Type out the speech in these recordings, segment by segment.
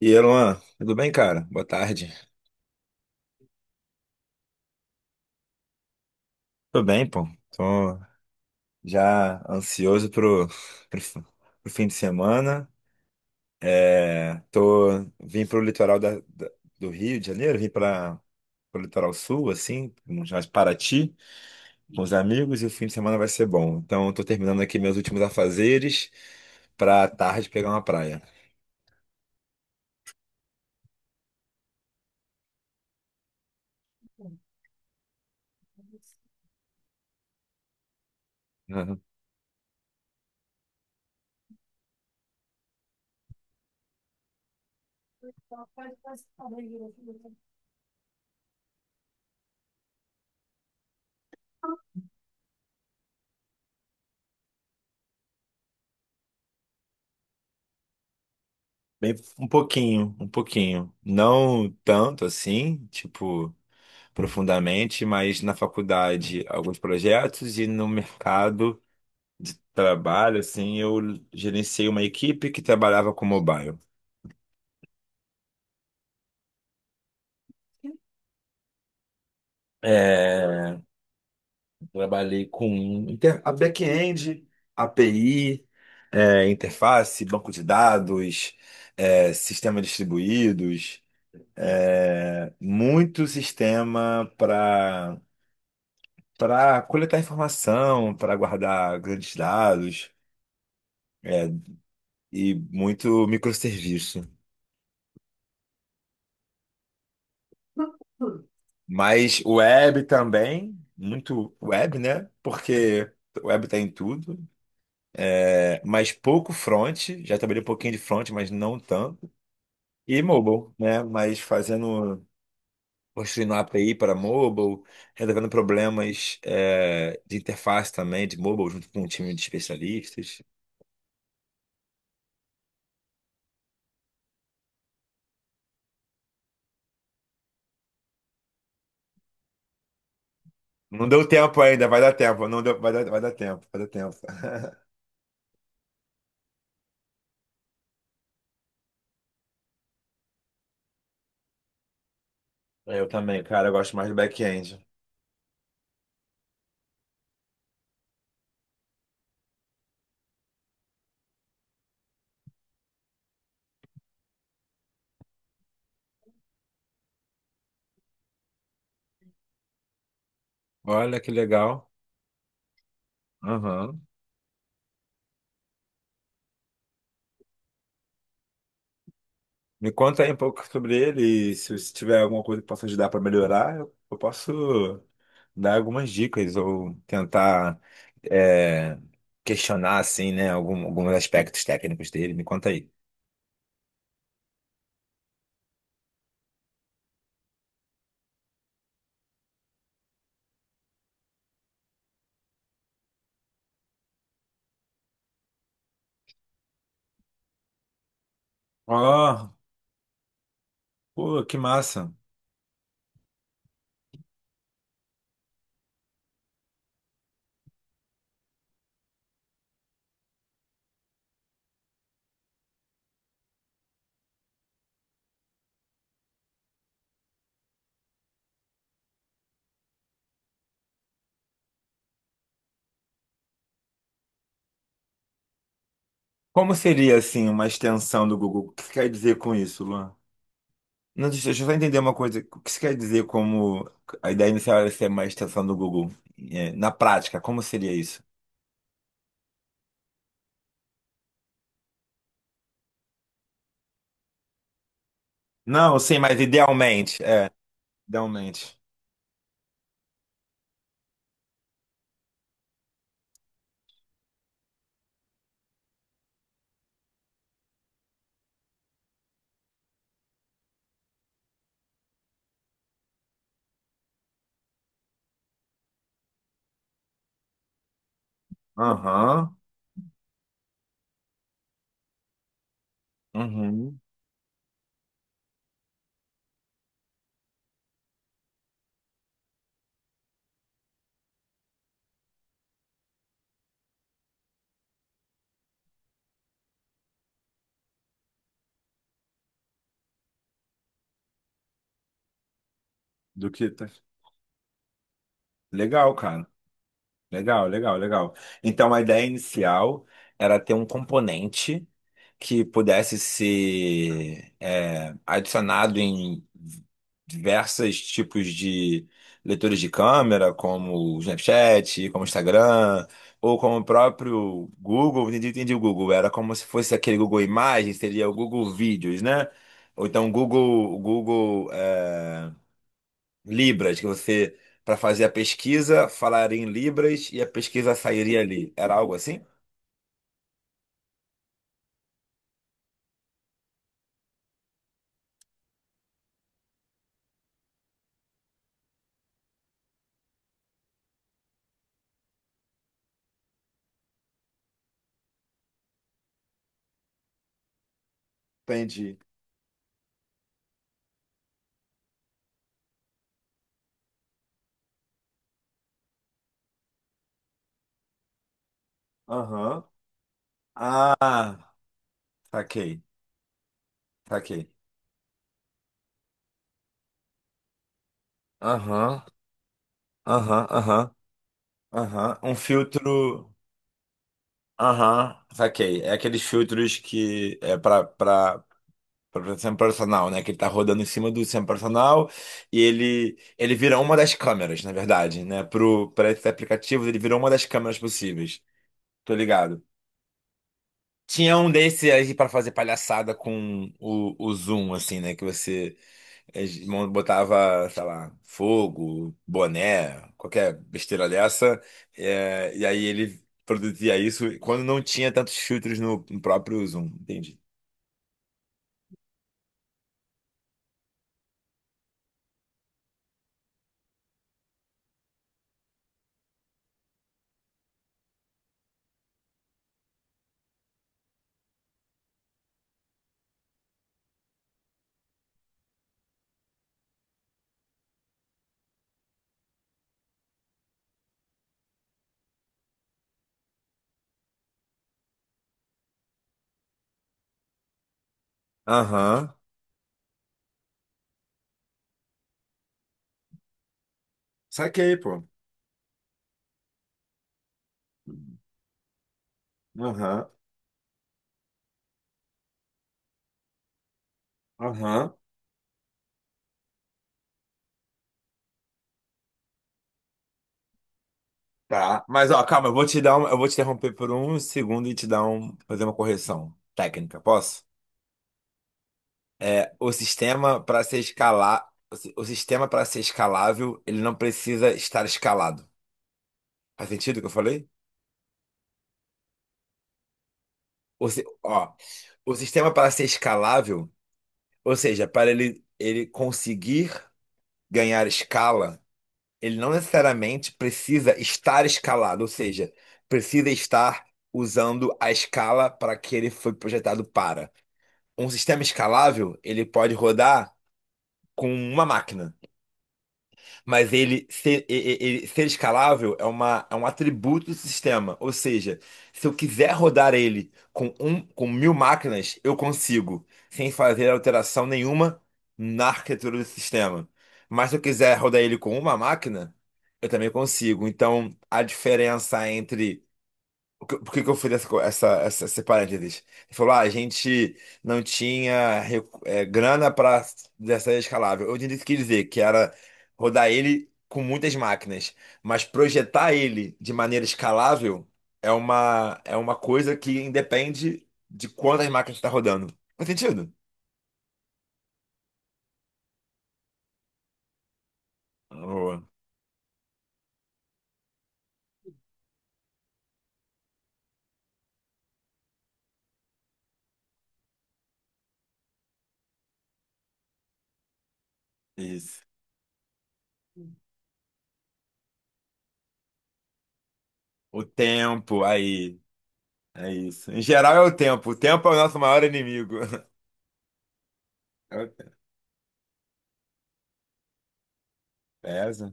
E aí, Luan, tudo bem, cara? Boa tarde. Tô bem, pô. Tô já ansioso pro, fi- pro fim de semana. É, tô, vim pro litoral do Rio de Janeiro, vim para pro litoral sul, assim, mais Paraty, com os amigos, e o fim de semana vai ser bom. Então, eu tô terminando aqui meus últimos afazeres pra tarde pegar uma praia. Uhum. Bem, um pouquinho, um pouquinho. Não tanto assim, tipo. Profundamente, mas na faculdade alguns projetos e no mercado de trabalho, assim, eu gerenciei uma equipe que trabalhava com mobile. É, trabalhei com a back-end, API, interface, banco de dados, sistema distribuídos, muito sistema para coletar informação, para guardar grandes dados e muito microserviço. Mas web também, muito web, né? Porque web tá em tudo. É, mas pouco front, já trabalhei um pouquinho de front, mas não tanto. E mobile, né? Mas fazendo, construindo a API para mobile, resolvendo problemas de interface também de mobile, junto com um time de especialistas. Não deu tempo ainda, vai dar tempo, não deu, vai dar, vai dar tempo. Eu também, cara, eu gosto mais do back-end. Olha que legal. Aham. Me conta aí um pouco sobre ele e se você tiver alguma coisa que possa ajudar para melhorar, eu posso dar algumas dicas ou tentar é, questionar assim, né, alguns aspectos técnicos dele. Me conta aí. Ah, pô, que massa. Como seria assim uma extensão do Google? O que você quer dizer com isso, Luan? Não, deixa eu só entender uma coisa. O que você quer dizer como a ideia inicial era ser uma extensão do Google? É, na prática, como seria isso? Não, sim, mas idealmente, é, idealmente. Aham, uhum, do que tá. Legal, cara. Legal, legal, legal. Então a ideia inicial era ter um componente que pudesse ser adicionado em diversos tipos de leitores de câmera, como o Snapchat, como o Instagram, ou como o próprio Google. Entendi, entendi o Google. Era como se fosse aquele Google Imagens, seria o Google Vídeos, né? Ou então Google. Libras, que você, para fazer a pesquisa, falaria em Libras e a pesquisa sairia ali. Era algo assim? Entendi. Aham. Ah, saquei, saquei. Aham, aham, aham, aham. Um filtro. Aham, saquei. É aqueles filtros que é para sempre personal, né? Que ele tá rodando em cima do sempre personal e ele vira uma das câmeras, na verdade, né? Pro Para esses aplicativos, ele virou uma das câmeras possíveis. Tô ligado. Tinha um desse aí pra fazer palhaçada com o Zoom, assim, né? Que você eh, botava, sei lá, fogo, boné, qualquer besteira dessa. E aí ele produzia isso quando não tinha tantos filtros no próprio Zoom, entendi. Aham. Saquei, pô. Aham. Aham. Tá. Mas, ó, calma, eu vou te dar um, eu vou te interromper por um segundo e te dar um, fazer uma correção técnica, posso? É, o sistema para ser escalável, ele não precisa estar escalado. Faz sentido o que eu falei? Ó, o sistema para ser escalável, ou seja, para ele conseguir ganhar escala, ele não necessariamente precisa estar escalado, ou seja, precisa estar usando a escala para que ele foi projetado para. Um sistema escalável, ele pode rodar com uma máquina. Mas ele ser escalável é, é um atributo do sistema. Ou seja, se eu quiser rodar ele com mil máquinas, eu consigo, sem fazer alteração nenhuma na arquitetura do sistema. Mas se eu quiser rodar ele com uma máquina, eu também consigo. Então, a diferença entre que- Por que que eu fiz essa, co- essa, esse parênteses? Ele falou, ah, a gente não tinha recu- é, grana para dessa escalável. Eu entendi o que quer dizer, que era rodar ele com muitas máquinas, mas projetar ele de maneira escalável é é uma coisa que independe de quantas máquinas está rodando. Faz sentido? Boa. Isso. O tempo, aí. É isso. Em geral é o tempo. O tempo é o nosso maior inimigo. É o tempo. Pesa.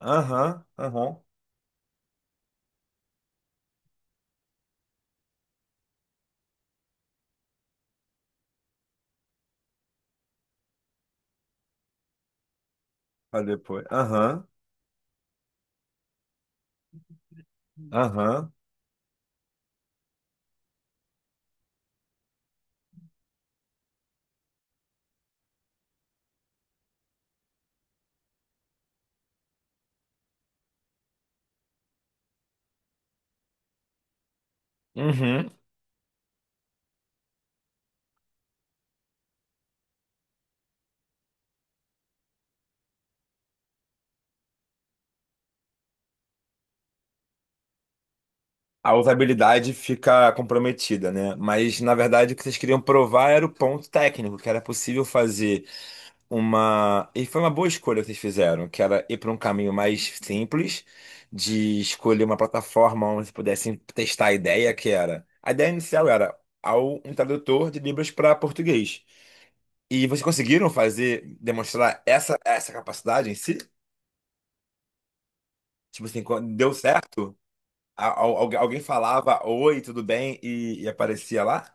Aham, aham. Pra depois. Aham, aham, uhum. A usabilidade fica comprometida, né? Mas, na verdade, o que vocês queriam provar era o ponto técnico, que era possível fazer uma. E foi uma boa escolha que vocês fizeram, que era ir para um caminho mais simples, de escolher uma plataforma onde vocês pudessem testar a ideia, que era. A ideia inicial era um tradutor de Libras para português. E vocês conseguiram fazer, demonstrar essa capacidade em si? Tipo assim, quando- deu certo? Alguém falava oi, tudo bem? E aparecia lá?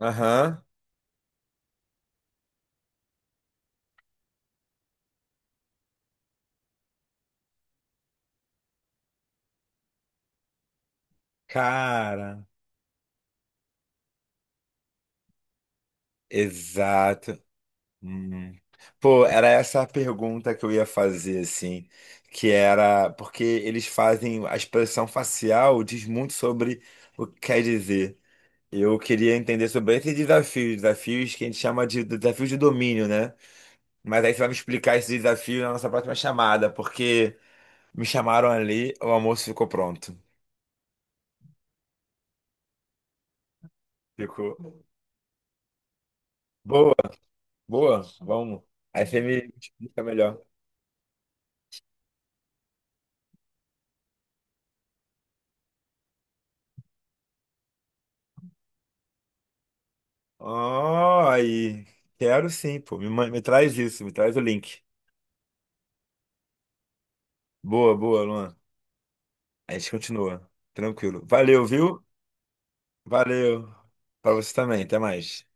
Aham. Cara, exato. Hum. Pô, era essa a pergunta que eu ia fazer, assim, que era porque eles fazem a expressão facial diz muito sobre o que quer dizer. Eu queria entender sobre esses desafios, desafios que a gente chama de desafios de domínio, né? Mas aí você vai me explicar esse desafio na nossa próxima chamada, porque me chamaram ali, o almoço ficou pronto. Ficou. Boa. Boa, vamos. Aí você me explica melhor. Ah, aí. Quero sim, pô. Me traz isso, me traz o link. Boa, boa, Luan. Aí a gente continua. Tranquilo. Valeu, viu? Valeu. Pra você também. Até mais.